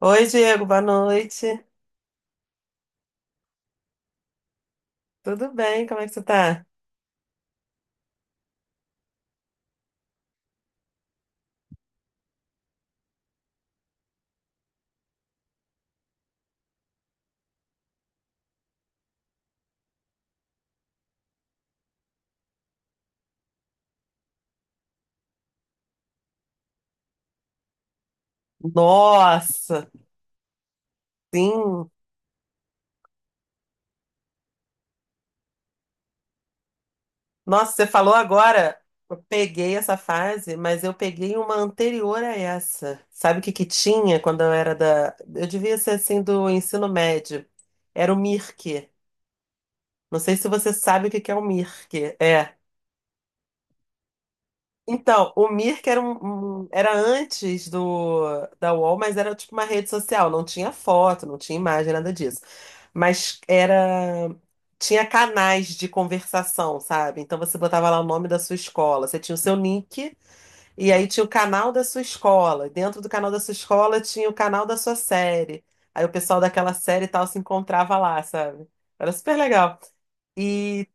Oi, Diego, boa noite. Tudo bem? Como é que você tá? Nossa, sim. Nossa, você falou agora. Eu peguei essa fase, mas eu peguei uma anterior a essa. Sabe o que que tinha quando eu era da. Eu devia ser assim do ensino médio. Era o MIRC. Não sei se você sabe o que que é o MIRC. É. Então, o Mirk era era antes do da UOL, mas era tipo uma rede social, não tinha foto, não tinha imagem, nada disso. Mas era tinha canais de conversação, sabe? Então você botava lá o nome da sua escola, você tinha o seu nick e aí tinha o canal da sua escola. Dentro do canal da sua escola tinha o canal da sua série. Aí o pessoal daquela série e tal se encontrava lá, sabe? Era super legal. E,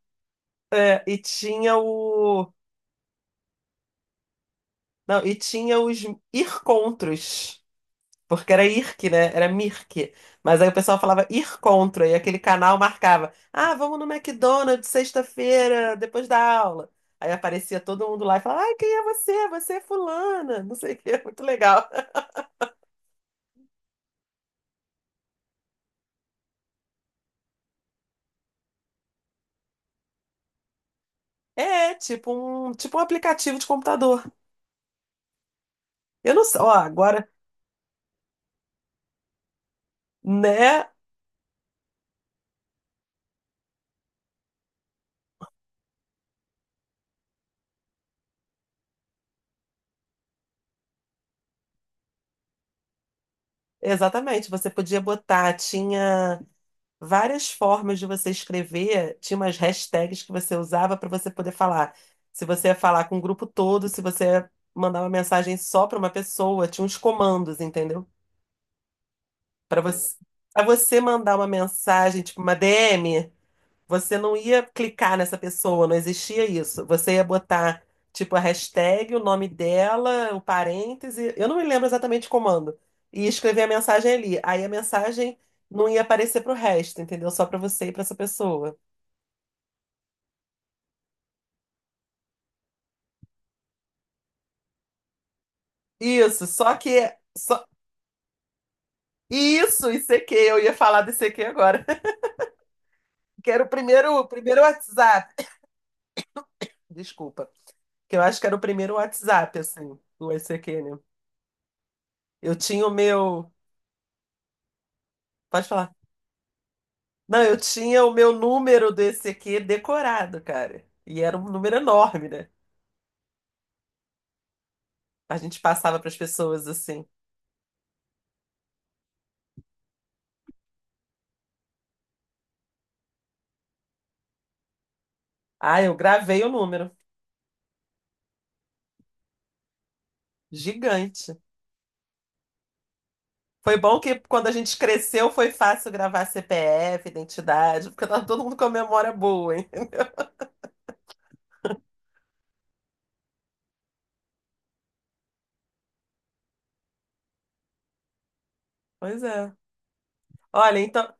é, e tinha o Não, e tinha os ircontros, porque era IRC, né? Era MIRC. Mas aí o pessoal falava ircontro, e aquele canal marcava: ah, vamos no McDonald's sexta-feira, depois da aula. Aí aparecia todo mundo lá e falava: ai, quem é você? Você é fulana, não sei o quê, muito legal. É, tipo um aplicativo de computador. Eu não sei, ó, agora, né? Exatamente, você podia botar, tinha, várias formas de você escrever, tinha umas hashtags que você usava para você poder falar. Se você ia falar com o grupo todo, se você ia mandar uma mensagem só para uma pessoa, tinha uns comandos, entendeu? Para você, para você mandar uma mensagem, tipo uma DM. Você não ia clicar nessa pessoa, não existia isso. Você ia botar, tipo, a hashtag, o nome dela, o parêntese, eu não me lembro exatamente o comando. E ia escrever a mensagem ali. Aí a mensagem não ia aparecer pro resto, entendeu? Só pra você e pra essa pessoa. Isso, só que. Só... Isso, ICQ, eu ia falar do ICQ agora. Que era o primeiro WhatsApp. Desculpa. Que eu acho que era o primeiro WhatsApp, assim, do ICQ, né? Eu tinha o meu. Pode falar. Não, eu tinha o meu número do ECQ decorado, cara. E era um número enorme, né? A gente passava para as pessoas assim. Ah, eu gravei o número. Gigante. Foi bom que quando a gente cresceu foi fácil gravar CPF, identidade, porque tava todo mundo com a memória boa, hein? Pois é. Olha, então.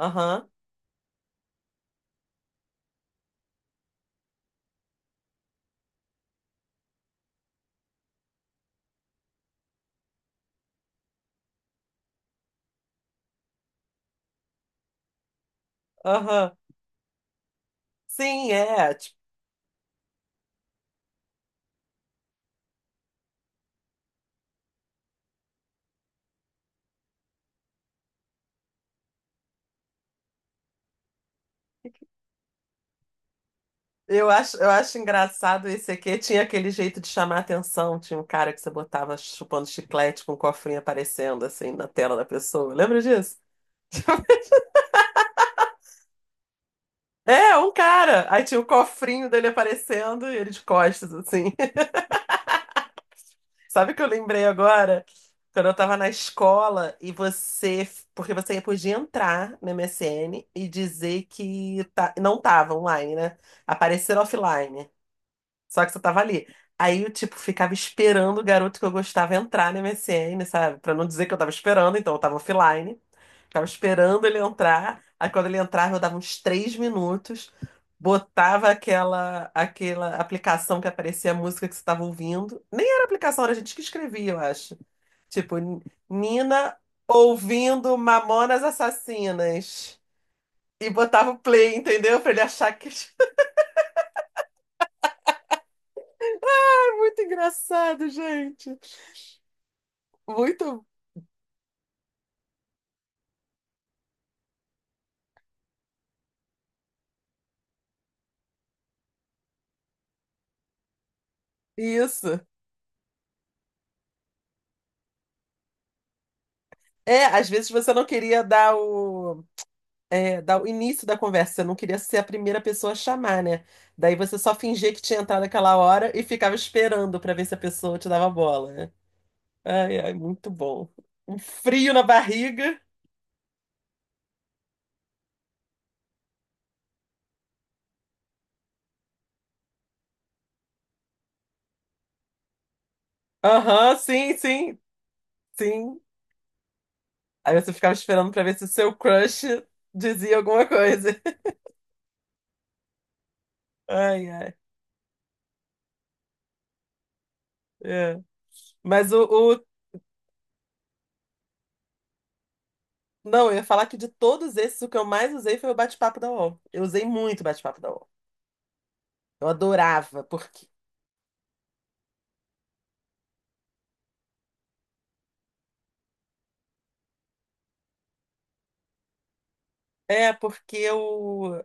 Aham, aham. Sim, é. Eu acho engraçado esse aqui. Tinha aquele jeito de chamar atenção. Tinha um cara que você botava chupando chiclete com um cofrinho aparecendo assim na tela da pessoa. Lembra disso? É, um cara. Aí tinha o cofrinho dele aparecendo e ele de costas, assim. Sabe o que eu lembrei agora? Quando eu tava na escola e você. Porque você podia entrar no MSN e dizer que tá- não tava online, né? Aparecer offline. Só que você tava ali. Aí eu, tipo, ficava esperando o garoto que eu gostava entrar no MSN, sabe? Pra não dizer que eu tava esperando, então eu tava offline. Ficava esperando ele entrar. Aí quando ele entrava, eu dava uns três minutos, botava aquela aplicação que aparecia a música que você tava ouvindo. Nem era aplicação, era a gente que escrevia, eu acho. Tipo, Nina ouvindo Mamonas Assassinas. E botava o play, entendeu? Pra ele achar que. É muito engraçado, gente. Muito. Isso. É, às vezes você não queria dar o início da conversa, você não queria ser a primeira pessoa a chamar, né? Daí você só fingia que tinha entrado aquela hora e ficava esperando pra ver se a pessoa te dava bola, né? Ai, ai, muito bom. Um frio na barriga. Aham, sim, sim, sim. Aí você ficava esperando pra ver se o seu crush dizia alguma coisa. Ai, ai. É. Mas o, o- Não, eu ia falar que de todos esses, o que eu mais usei foi o bate-papo da UOL. Eu usei muito o bate-papo da UOL. Eu adorava, porque é porque eu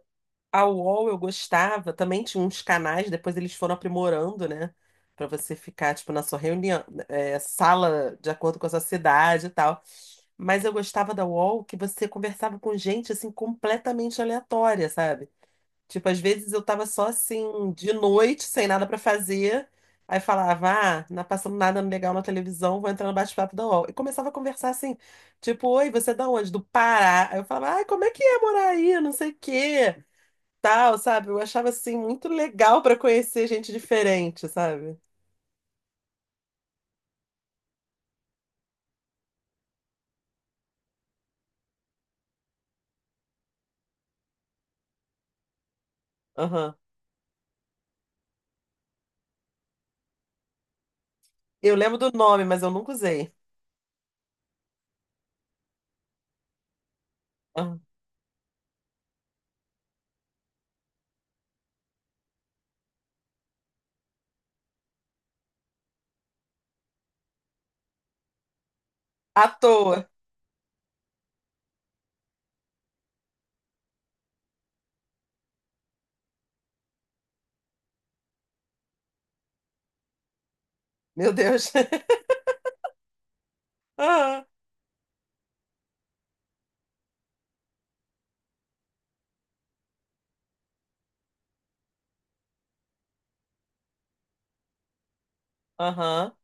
a UOL eu gostava, também tinha uns canais, depois eles foram aprimorando, né? Pra você ficar, tipo, na sua reunião, sala de acordo com a sua cidade e tal. Mas eu gostava da UOL que você conversava com gente, assim, completamente aleatória, sabe? Tipo, às vezes eu tava só assim, de noite, sem nada pra fazer. Aí falava, ah, não tá passando nada legal na televisão, vou entrar no bate-papo da UOL. E começava a conversar assim, tipo, oi, você é da onde? Do Pará. Aí eu falava, ai, como é que é morar aí? Não sei o quê, tal, sabe? Eu achava assim, muito legal pra conhecer gente diferente, sabe? Aham. Eu lembro do nome, mas eu nunca usei. Aham. À toa. Meu Deus. Aham. Aham.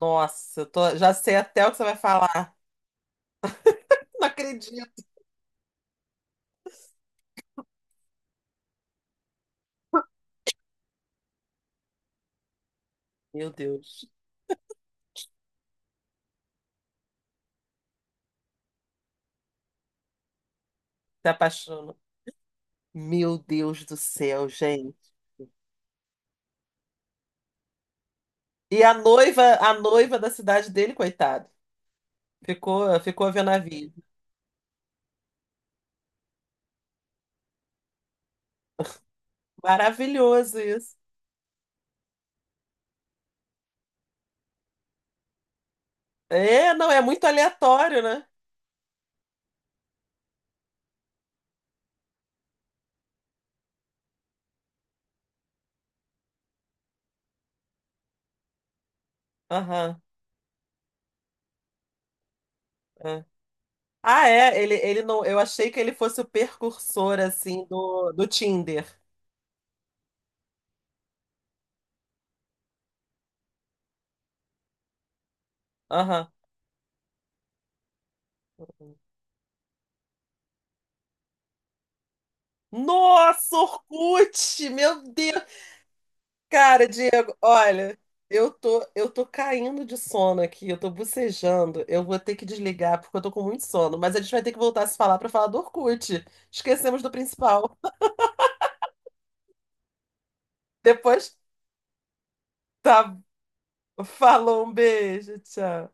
Nossa, eu tô, já sei até o que você vai falar. Não acredito. Meu Deus. Se apaixona. Meu Deus do céu, gente. E a noiva da cidade dele, coitado, ficou, ficou vendo a vida. Maravilhoso isso. É, não, é muito aleatório, né? Aham. É. Ah, é, ele não, eu achei que ele fosse o precursor assim do, Tinder. Aham. Nossa, Orkut! Meu Deus! Cara, Diego, olha, eu tô caindo de sono aqui, eu tô bocejando. Eu vou ter que desligar porque eu tô com muito sono, mas a gente vai ter que voltar a se falar pra falar do Orkut. Esquecemos do principal. Depois, tá, falou, um beijo, tchau.